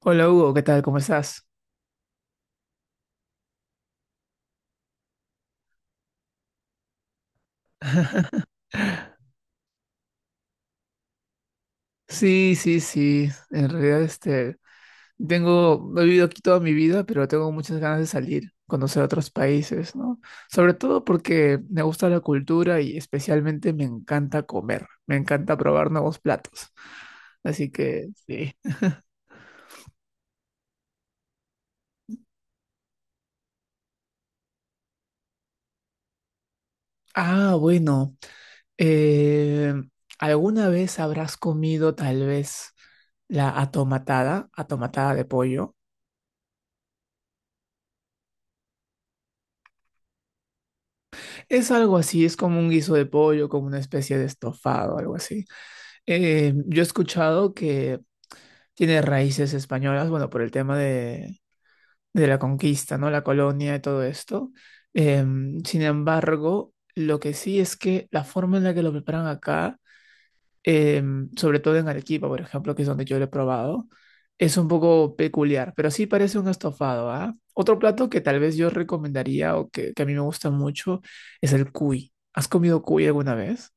Hola Hugo, ¿qué tal? ¿Cómo estás? Sí, sí, sí. En realidad, tengo, he vivido aquí toda mi vida, pero tengo muchas ganas de salir, conocer otros países, ¿no? Sobre todo porque me gusta la cultura y especialmente me encanta comer, me encanta probar nuevos platos. Así que, sí. Ah, bueno. eh, ¿Alguna vez habrás comido tal vez atomatada de pollo? Es algo así, es como un guiso de pollo, como una especie de estofado, algo así. Yo he escuchado que tiene raíces españolas, bueno, por el tema de la conquista, ¿no? La colonia y todo esto. Sin embargo, lo que sí es que la forma en la que lo preparan acá eh, sobre todo en Arequipa, por ejemplo, que es donde yo lo he probado, es un poco peculiar, pero sí parece un estofado, ¿ah? Otro plato que tal vez yo recomendaría o que a mí me gusta mucho es el cuy. ¿Has comido cuy alguna vez?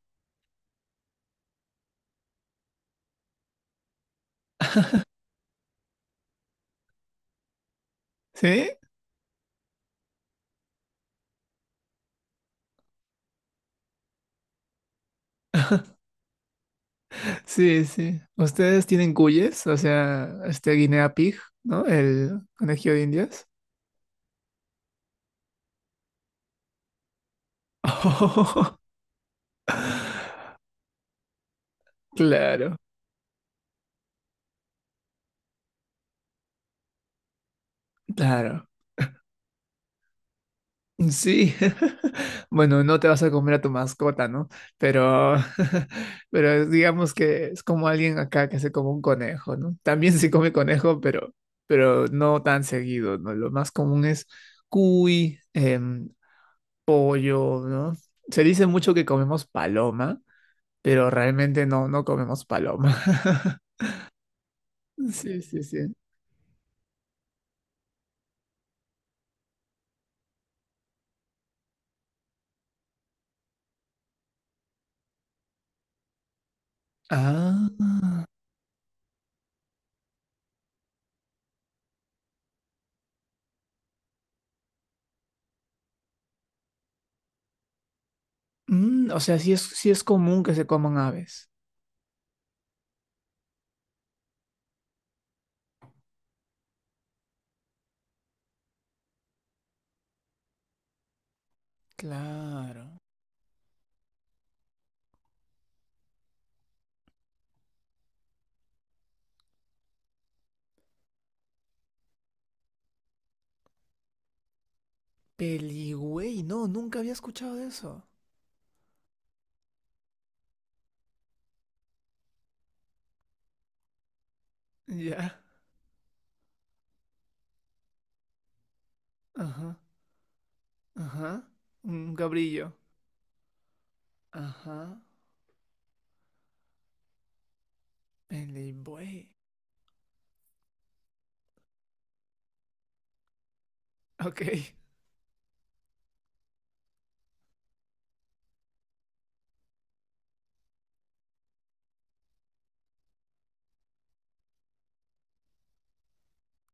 Sí, sí, sí. ¿Ustedes tienen cuyes? O sea, este guinea pig, ¿no? El conejillo de Indias. Claro, claro. Sí, bueno, no te vas a comer a tu mascota, ¿no? Pero, pero digamos que es como alguien acá que se come un conejo, ¿no? También se come conejo, pero no tan seguido, ¿no? Lo más común es cuy, pollo, ¿no? Se dice mucho que comemos paloma, pero realmente no, no comemos paloma. Sí, sí, sí. Ah, mm, o sea, sí es común que se coman aves. Claro. Peligüey, no, nunca había escuchado de eso. Ya. Ajá. Ajá. Un cabrillo. Ajá. Pelibuey. Ok.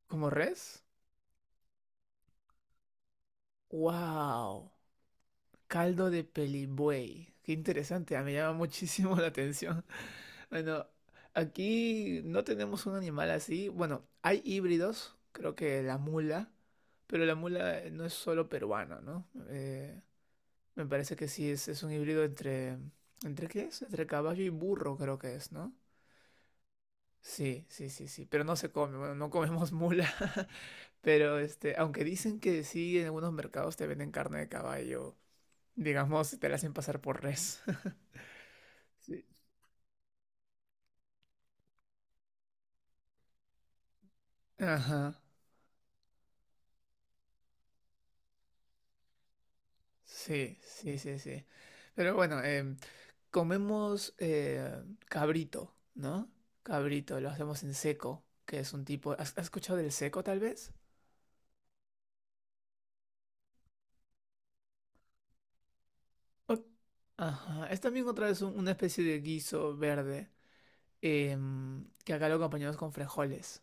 ¿Como res? Wow. Caldo de pelibuey. Qué interesante, ah, me llama muchísimo la atención. Bueno, aquí no tenemos un animal así. Bueno, hay híbridos, creo que la mula, pero la mula no es solo peruana, ¿no? Me parece que sí, es un híbrido entre... ¿Entre qué es? Entre caballo y burro creo que es, ¿no? Sí, sí, sí, sí, pero no se come, bueno, no comemos mula, pero aunque dicen que sí, en algunos mercados te venden carne de caballo, digamos, te la hacen pasar por res. Sí. Ajá, sí, sí, sí, sí. Pero bueno, comemos cabrito, ¿no? Cabrito, lo hacemos en seco, que es un tipo... ¿has escuchado del seco tal vez? Ok, ajá. Es también otra vez una especie de guiso verde que acá lo acompañamos con frijoles,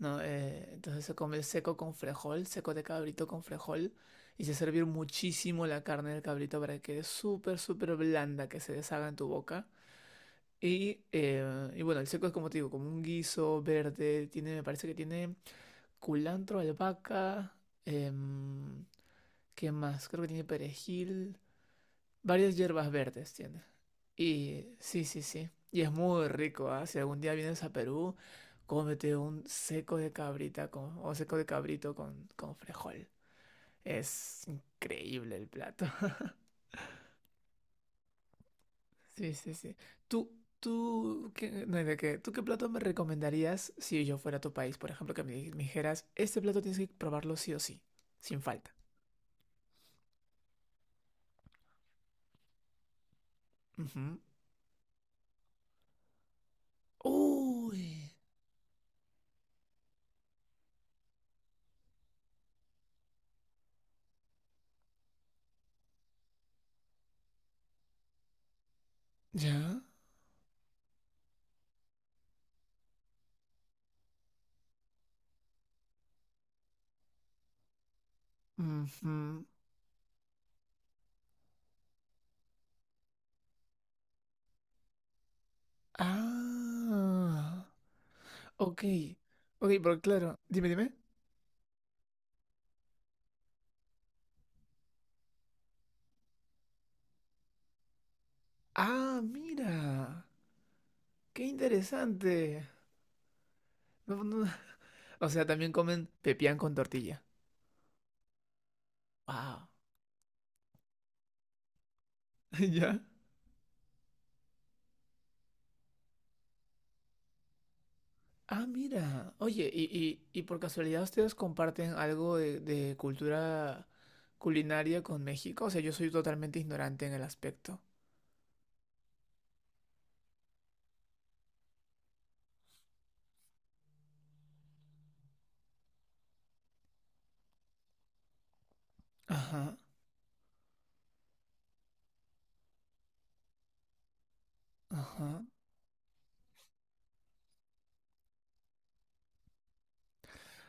¿no? Entonces se come seco con frejol, seco de cabrito con frejol y se sirve muchísimo la carne del cabrito para que quede súper, súper blanda, que se deshaga en tu boca. Y bueno, el seco es como te digo, como un guiso verde, tiene, me parece que tiene culantro, albahaca, em, ¿qué más? Creo que tiene perejil. Varias hierbas verdes tiene. Y sí, sí, sí. Y es muy rico, ¿ah? Si algún día vienes a Perú, cómete un seco de cabrita con, o seco de cabrito con frejol. Es increíble el plato. Sí, sí, sí. ¿Tú, tú, qué, no, ¿de qué? ¿Tú qué plato me recomendarías si yo fuera a tu país? Por ejemplo, que me, me dijeras, este plato tienes que probarlo sí o sí, sin falta. Ujú. Uy, ya. Ujú. Ah. Ok, ok, pero claro, dime, dime. Ah, mira, qué interesante. No, no, no. O sea, también comen pepián con tortilla. Wow. ¿Ya? Ah, mira. Oye, y por casualidad ¿ustedes comparten algo de cultura culinaria con México? O sea, yo soy totalmente ignorante en el aspecto. Ajá, ajá.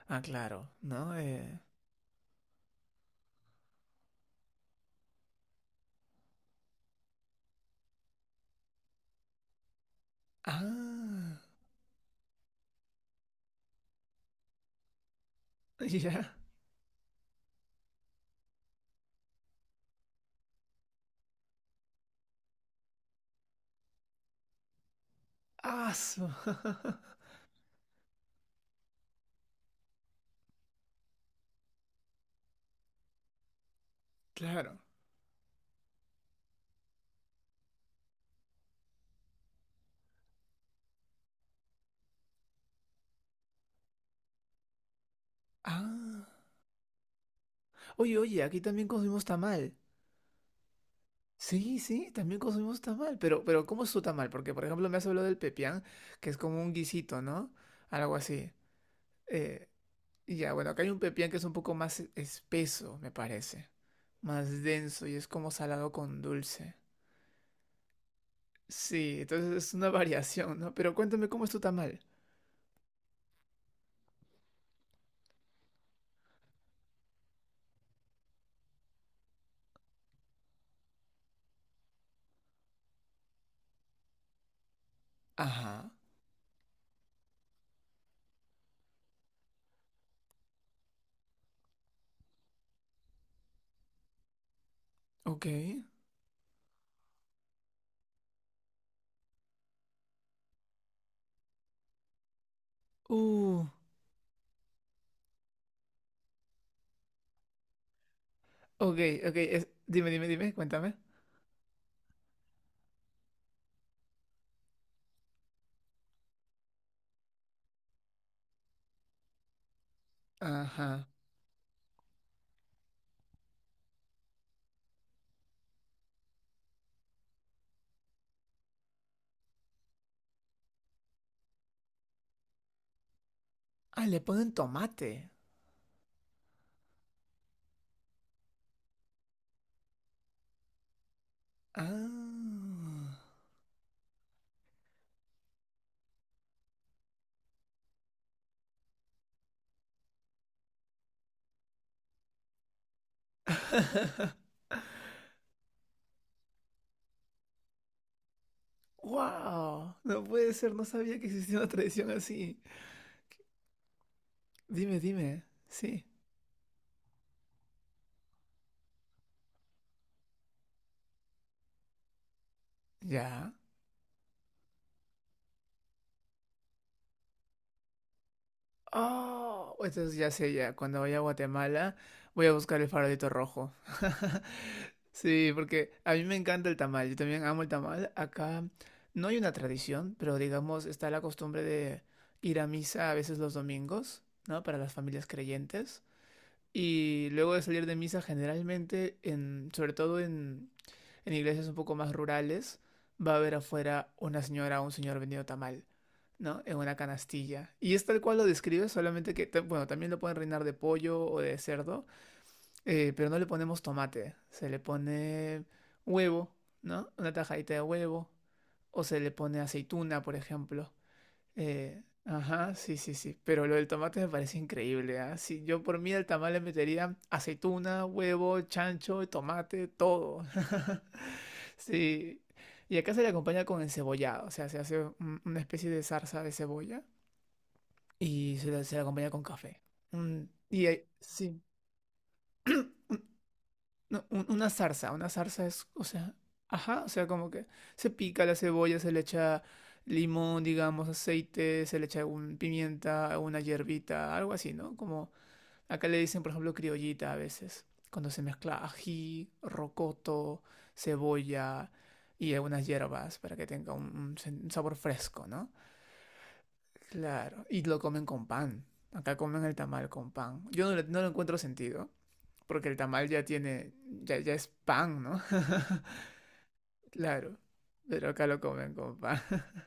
Ah, claro, ¿no? Ah, ya. Ah, su- claro. Ah. Oye, oye, aquí también consumimos tamal. Sí, sí, también consumimos tamal. Pero, ¿cómo es su tamal? Porque, por ejemplo, me has hablado del pepián, que es como un guisito, ¿no? Algo así. Eh, y ya, bueno, acá hay un pepián que es un poco más espeso, me parece. Más denso y es como salado con dulce. Sí, entonces es una variación, ¿no? Pero cuéntame cómo es tu tamal. Ajá. Ok. Uh. Ok, ok. Dime, dime, dime, cuéntame. Ajá. Ah, le ponen tomate. Ah. ¡Wow! No puede ser, no sabía que existía una tradición así. Dime, dime. Sí. ¿Ya? Oh, entonces ya sé, ya. Cuando vaya a Guatemala, voy a buscar el farolito rojo. Sí, porque a mí me encanta el tamal. Yo también amo el tamal. Acá no hay una tradición, pero digamos, está la costumbre de ir a misa a veces los domingos, ¿no? Para las familias creyentes. Y luego de salir de misa, generalmente, sobre todo en iglesias un poco más rurales, va a haber afuera una señora o un señor vendiendo tamal, ¿no? En una canastilla. Y es tal cual lo describe, solamente que, ta- bueno, también lo pueden reinar de pollo o de cerdo, pero no le ponemos tomate, se le pone huevo, ¿no? Una tajadita de huevo, o se le pone aceituna, por ejemplo. Ajá, sí, sí, sí. Pero lo del tomate me parece increíble, ¿ah? Sí, yo por mí al tamal le metería aceituna, huevo, chancho, tomate, todo. Sí. Y acá se le acompaña con encebollado, o sea, se hace una especie de zarza de cebolla y se la acompaña con café. Mm, y ahí- sí. No, una zarza es, o sea, ajá, o sea, como que se pica la cebolla, se le echa limón, digamos, aceite, se le echa un pimienta, una hierbita, algo así, ¿no? Como acá le dicen, por ejemplo, criollita a veces, cuando se mezcla ají, rocoto, cebolla y algunas hierbas para que tenga un, un sabor fresco, ¿no? Claro, y lo comen con pan. Acá comen el tamal con pan. Yo no lo encuentro sentido porque el tamal ya tiene, ya, ya es pan, ¿no? Claro, pero acá lo comen con pan.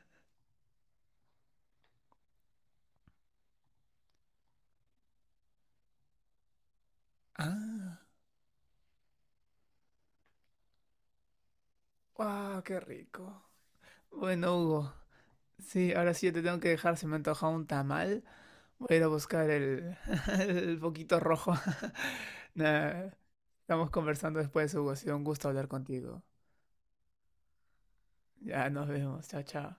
Ah, wow, qué rico. Bueno, Hugo, sí, ahora sí yo te tengo que dejar, se me ha antojado un tamal. Voy a ir a buscar el, el poquito rojo. Nada, estamos conversando después, Hugo, ha sido un gusto hablar contigo. Ya nos vemos, chao, chao.